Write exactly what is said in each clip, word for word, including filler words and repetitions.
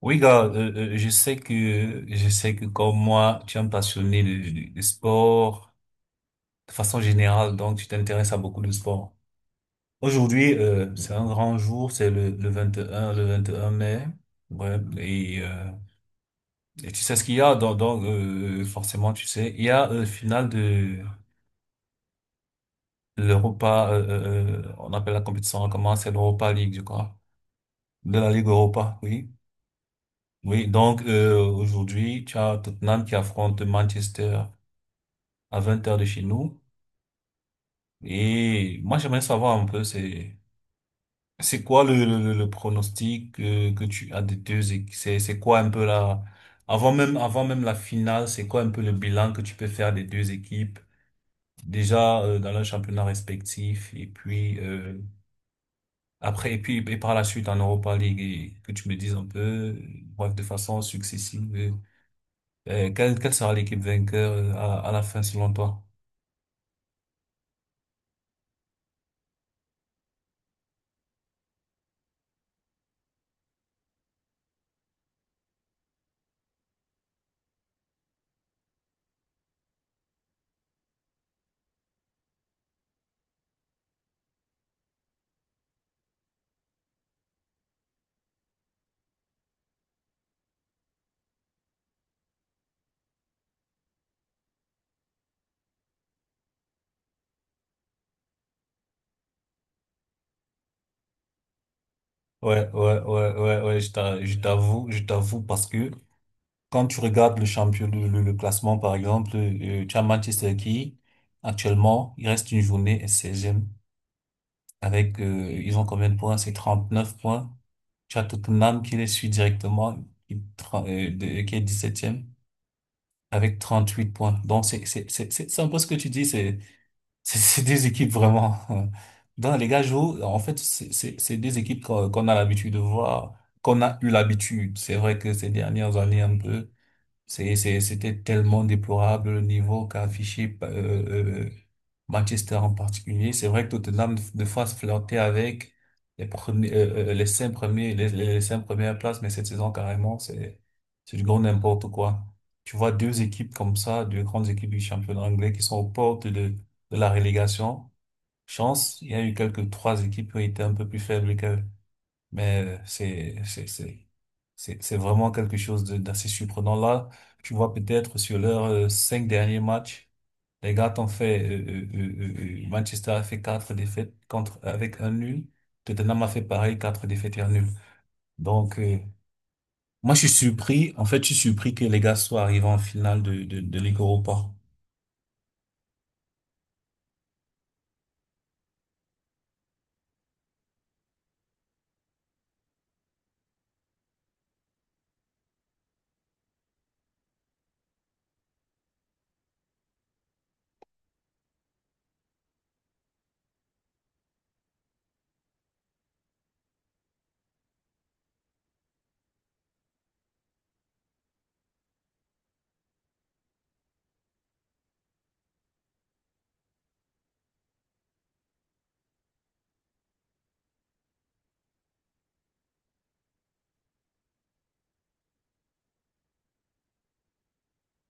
Oui, gars, euh, euh, je sais que, je sais que comme moi, tu es un passionné de, de, de sport de façon générale, donc tu t'intéresses à beaucoup de sport. Aujourd'hui, euh, c'est un grand jour, c'est le, le vingt et un le vingt et un mai. Ouais, et, euh, et tu sais ce qu'il y a, donc, donc, euh, forcément, tu sais, il y a euh, finale de de l'Europa, euh, euh, euh, on appelle la compétition, hein, comment c'est l'Europa League, je crois, de la Ligue Europa, oui. Oui, donc euh, aujourd'hui, tu as Tottenham qui affronte Manchester à vingt heures de chez nous. Et moi, j'aimerais savoir un peu, c'est, c'est quoi le, le, le- le pronostic euh, que tu as des deux équipes? C'est, c'est quoi un peu la, avant même, avant même la finale, c'est quoi un peu le bilan que tu peux faire des deux équipes? Déjà, euh, dans leur championnat respectif et puis, euh, après, et puis, et par la suite en Europa League et que tu me dises un peu, euh, bref, de façon successive, euh, euh, quelle, quelle sera l'équipe vainqueur euh, à, à la fin selon toi? Ouais, ouais, ouais, ouais, ouais, je t'a- je t'avoue, je t'avoue parce que quand tu regardes le champion, le, le, le classement par exemple, euh, tu as Manchester qui, actuellement, il reste une journée et seize avec, euh, ils ont combien de points? C'est trente neuf points. Tu as Tottenham qui les suit directement, qui, tra- euh, de- qui est dix septième avec trente huit points. Donc c'est, c'est, c'est, c'est c'est un peu ce que tu dis, c'est c'est c'est des équipes vraiment. Dans les gars jouent, en fait, c'est c'est- c'est des équipes qu'on qu'on a l'habitude de voir, qu'on a eu l'habitude. C'est vrai que ces dernières années, un peu. C'est, c'est, c'était tellement déplorable le niveau qu'a affiché euh, euh, Manchester en particulier. C'est vrai que Tottenham de fois flirtait avec les premiers, euh, euh, les cinq premiers, les, les les cinq premières places, mais cette saison carrément, c'est, c'est du grand n'importe quoi. Tu vois deux équipes comme ça, deux grandes équipes du championnat anglais qui sont aux portes de, de la relégation. Chance, il y a eu quelques trois équipes qui ont été un peu plus faibles mais euh, c'est, c'est, c'est, c'est c'est vraiment quelque chose de- d'assez surprenant. Là, tu vois peut-être sur leurs euh, cinq derniers matchs, les gars t'ont fait, euh, euh, euh, euh, euh, Manchester a fait quatre défaites contre, avec un nul. Tottenham a fait pareil, quatre défaites et un nul. Donc, euh, moi, je suis surpris. En fait, je suis surpris que les gars soient arrivés en finale de, de, de Ligue Europa.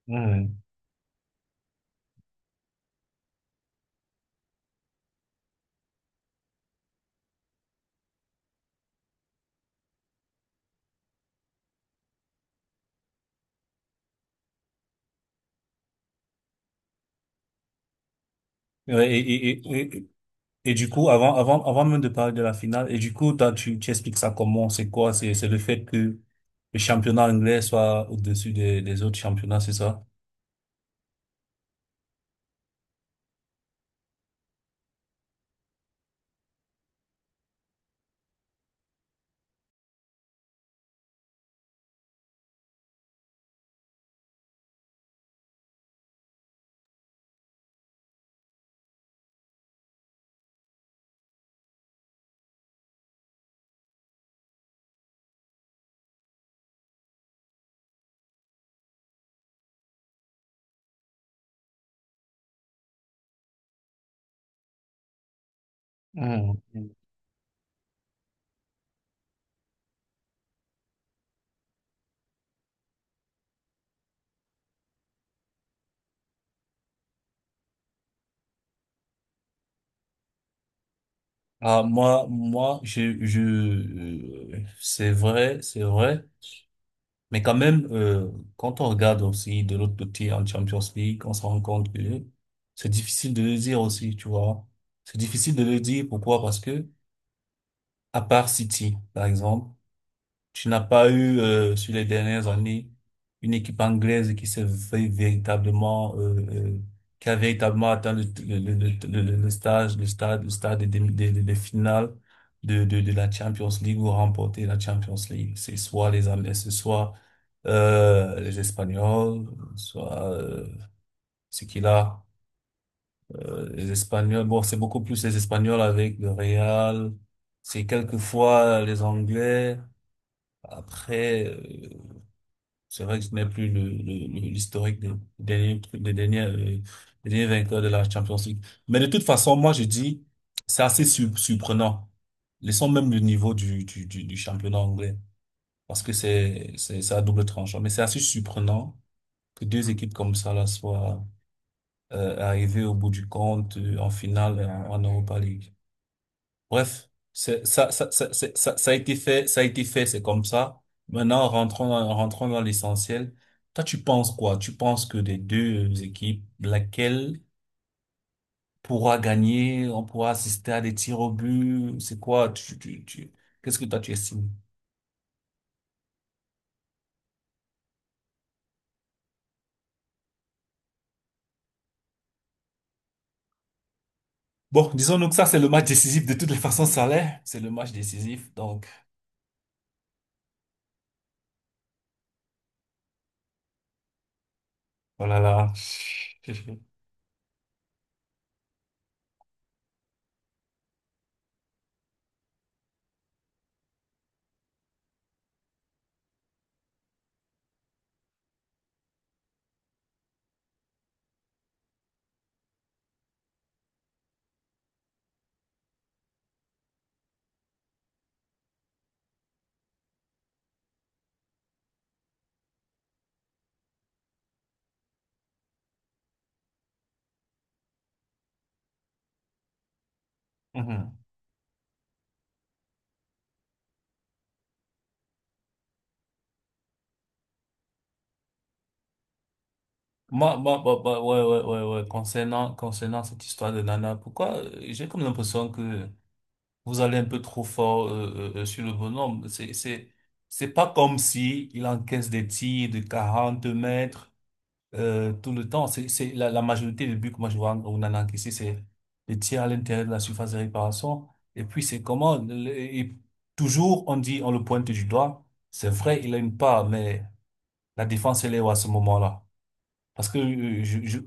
Mhm. Ouais, Et, et, et, Et du coup, avant, avant, avant même de parler de la finale, et du coup, toi, tu, tu expliques ça comment, c'est quoi, c'est, c'est le fait que le championnat anglais soit au-dessus des, des autres championnats, c'est ça? Mhm. Mhm. Ah, moi, moi, je, je, euh, c'est vrai, c'est vrai, mais quand même, euh, quand on regarde aussi de l'autre côté en Champions League, on se rend compte que c'est difficile de le dire aussi, tu vois. C'est difficile de le dire, pourquoi? Parce que, à part City, par exemple, tu n'as pas eu, euh, sur les dernières années, une équipe anglaise qui s'est vé- véritablement, euh, euh, qui a véritablement atteint le, le, le, le, le- le stage, le stade, le stade des, demi- des, des, des finales de, de, de la Champions League ou remporter la Champions League. C'est soit les Anglais, ce soit, euh, les Espagnols, soit, euh, ce qu'il a, euh, les Espagnols. Bon, c'est beaucoup plus les Espagnols avec le Real. C'est quelquefois les Anglais. Après, euh, c'est vrai que ce n'est plus le, le- le- l'historique des derniers, des derniers, euh, des derniers vainqueurs de la Champions League. Mais de toute façon, moi, je dis, c'est assez sur- surprenant. Laissons même le niveau du, du, du, du championnat anglais. Parce que c'est, c'est, c'est à double tranchant. Mais c'est assez surprenant que deux équipes comme ça, là, soient, euh, arrivées au bout du compte, euh, en finale, en, en Europa League. Bref, c'est, ça, ça, ça, c'est- ça, ça a été fait, ça a été fait, c'est comme ça. Maintenant, rentrons dans, rentrons dans l'essentiel. Toi, tu penses quoi? Tu penses que des deux euh, équipes, laquelle pourra gagner, on pourra assister à des tirs au but, c'est quoi? Tu, tu, tu, qu'est-ce que toi tu estimes? Bon, disons donc ça, c'est le match décisif. De toutes les façons, ça l'est. C'est le match décisif. Donc, voilà là. Là. Mhm. Moi, moi, moi, moi, ouais, ouais, ouais, ouais. Concernant, concernant cette histoire de Nana, pourquoi euh, j'ai comme l'impression que vous allez un peu trop fort euh, euh, euh, sur le bonhomme. C'est, c'est, c'est pas comme si il encaisse des tirs de quarante mètres euh, tout le temps. C'est, c'est la, la majorité des buts que moi je vois en- on en a encaissé, c'est des tirs à l'intérieur de la surface de réparation. Et puis c'est comment le- et toujours on dit on le pointe du doigt. C'est vrai, il a une part, mais la défense elle est où à ce moment-là? Parce que euh, je, je...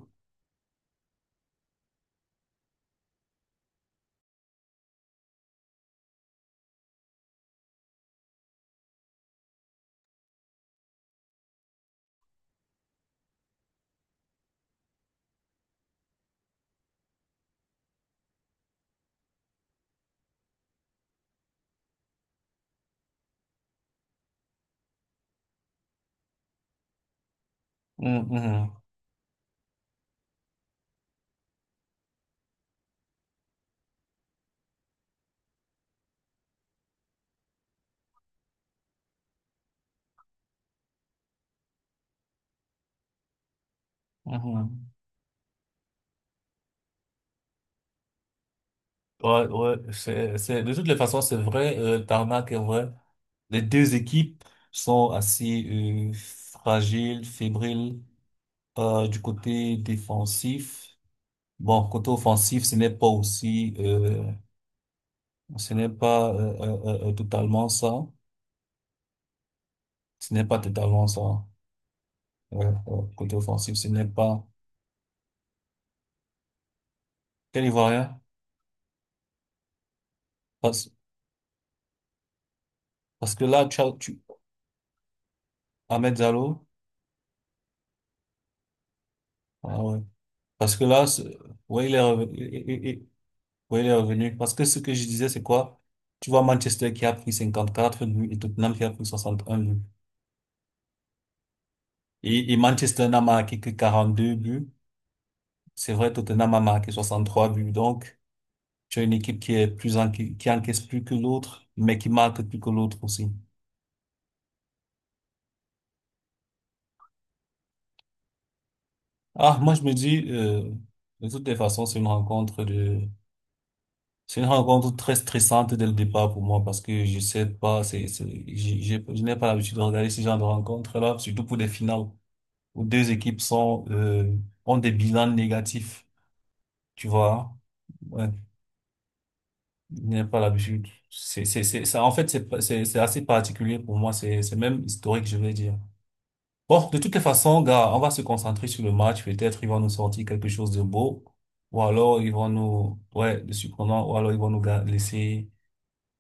Mhm, mhm. Mhm. Ouais, ouais, c'est, c'est, de toutes les façons, c'est vrai, euh, le tarmac est vrai. Les deux équipes sont assez euh, fragiles, fébriles euh, du côté défensif. Bon, côté offensif, ce n'est pas aussi, euh, ce n'est pas euh, euh, euh, euh, totalement ça. Ce n'est pas totalement ça. Ouais, ouais, côté offensif, ce n'est pas. Quel Ivoirien? Parce, parce que là, tu, as- tu, Ahmed Diallo, ah ouais. Parce que là, c'est- Ouais, il est revenu. Oui, il est revenu. Parce que ce que je disais, c'est quoi? Tu vois Manchester qui a pris cinquante-quatre buts et Tottenham qui a pris soixante et un buts. Et, et Manchester n'a marqué que quarante-deux buts. C'est vrai, Tottenham a marqué soixante-trois buts. Donc, tu as une équipe qui est plus en, qui, qui encaisse plus que l'autre, mais qui marque plus que l'autre aussi. Ah, moi, je me dis, euh, de toutes les façons, c'est une rencontre de, c'est une rencontre très stressante dès le départ pour moi parce que je sais pas, c'est, c'est, j'ai- j'ai- je n'ai pas l'habitude de regarder ce genre de rencontres-là, surtout pour des finales, où deux équipes sont, euh, ont des bilans négatifs, tu vois. Ouais, il n'y a pas l'habitude. C'est, c'est, c'est, ça, en fait, c'est, pas- c'est, c'est assez particulier pour moi. C'est, c'est même historique, je vais dire. Bon, de toutes les façons, gars, on va se concentrer sur le match. Peut-être ils vont nous sortir quelque chose de beau. Ou alors ils vont nous, ouais, de surprenant. Ou alors ils vont nous ga- laisser,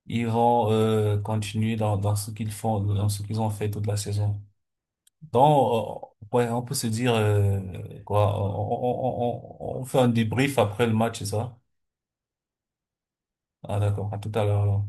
ils vont, euh, continuer dans, dans ce qu'ils font, dans ce qu'ils ont fait toute la saison. Donc, euh, ouais, on peut se dire euh, quoi, on, on, on, on on fait un débrief après le match, c'est ça? Ah d'accord, à tout à l'heure alors.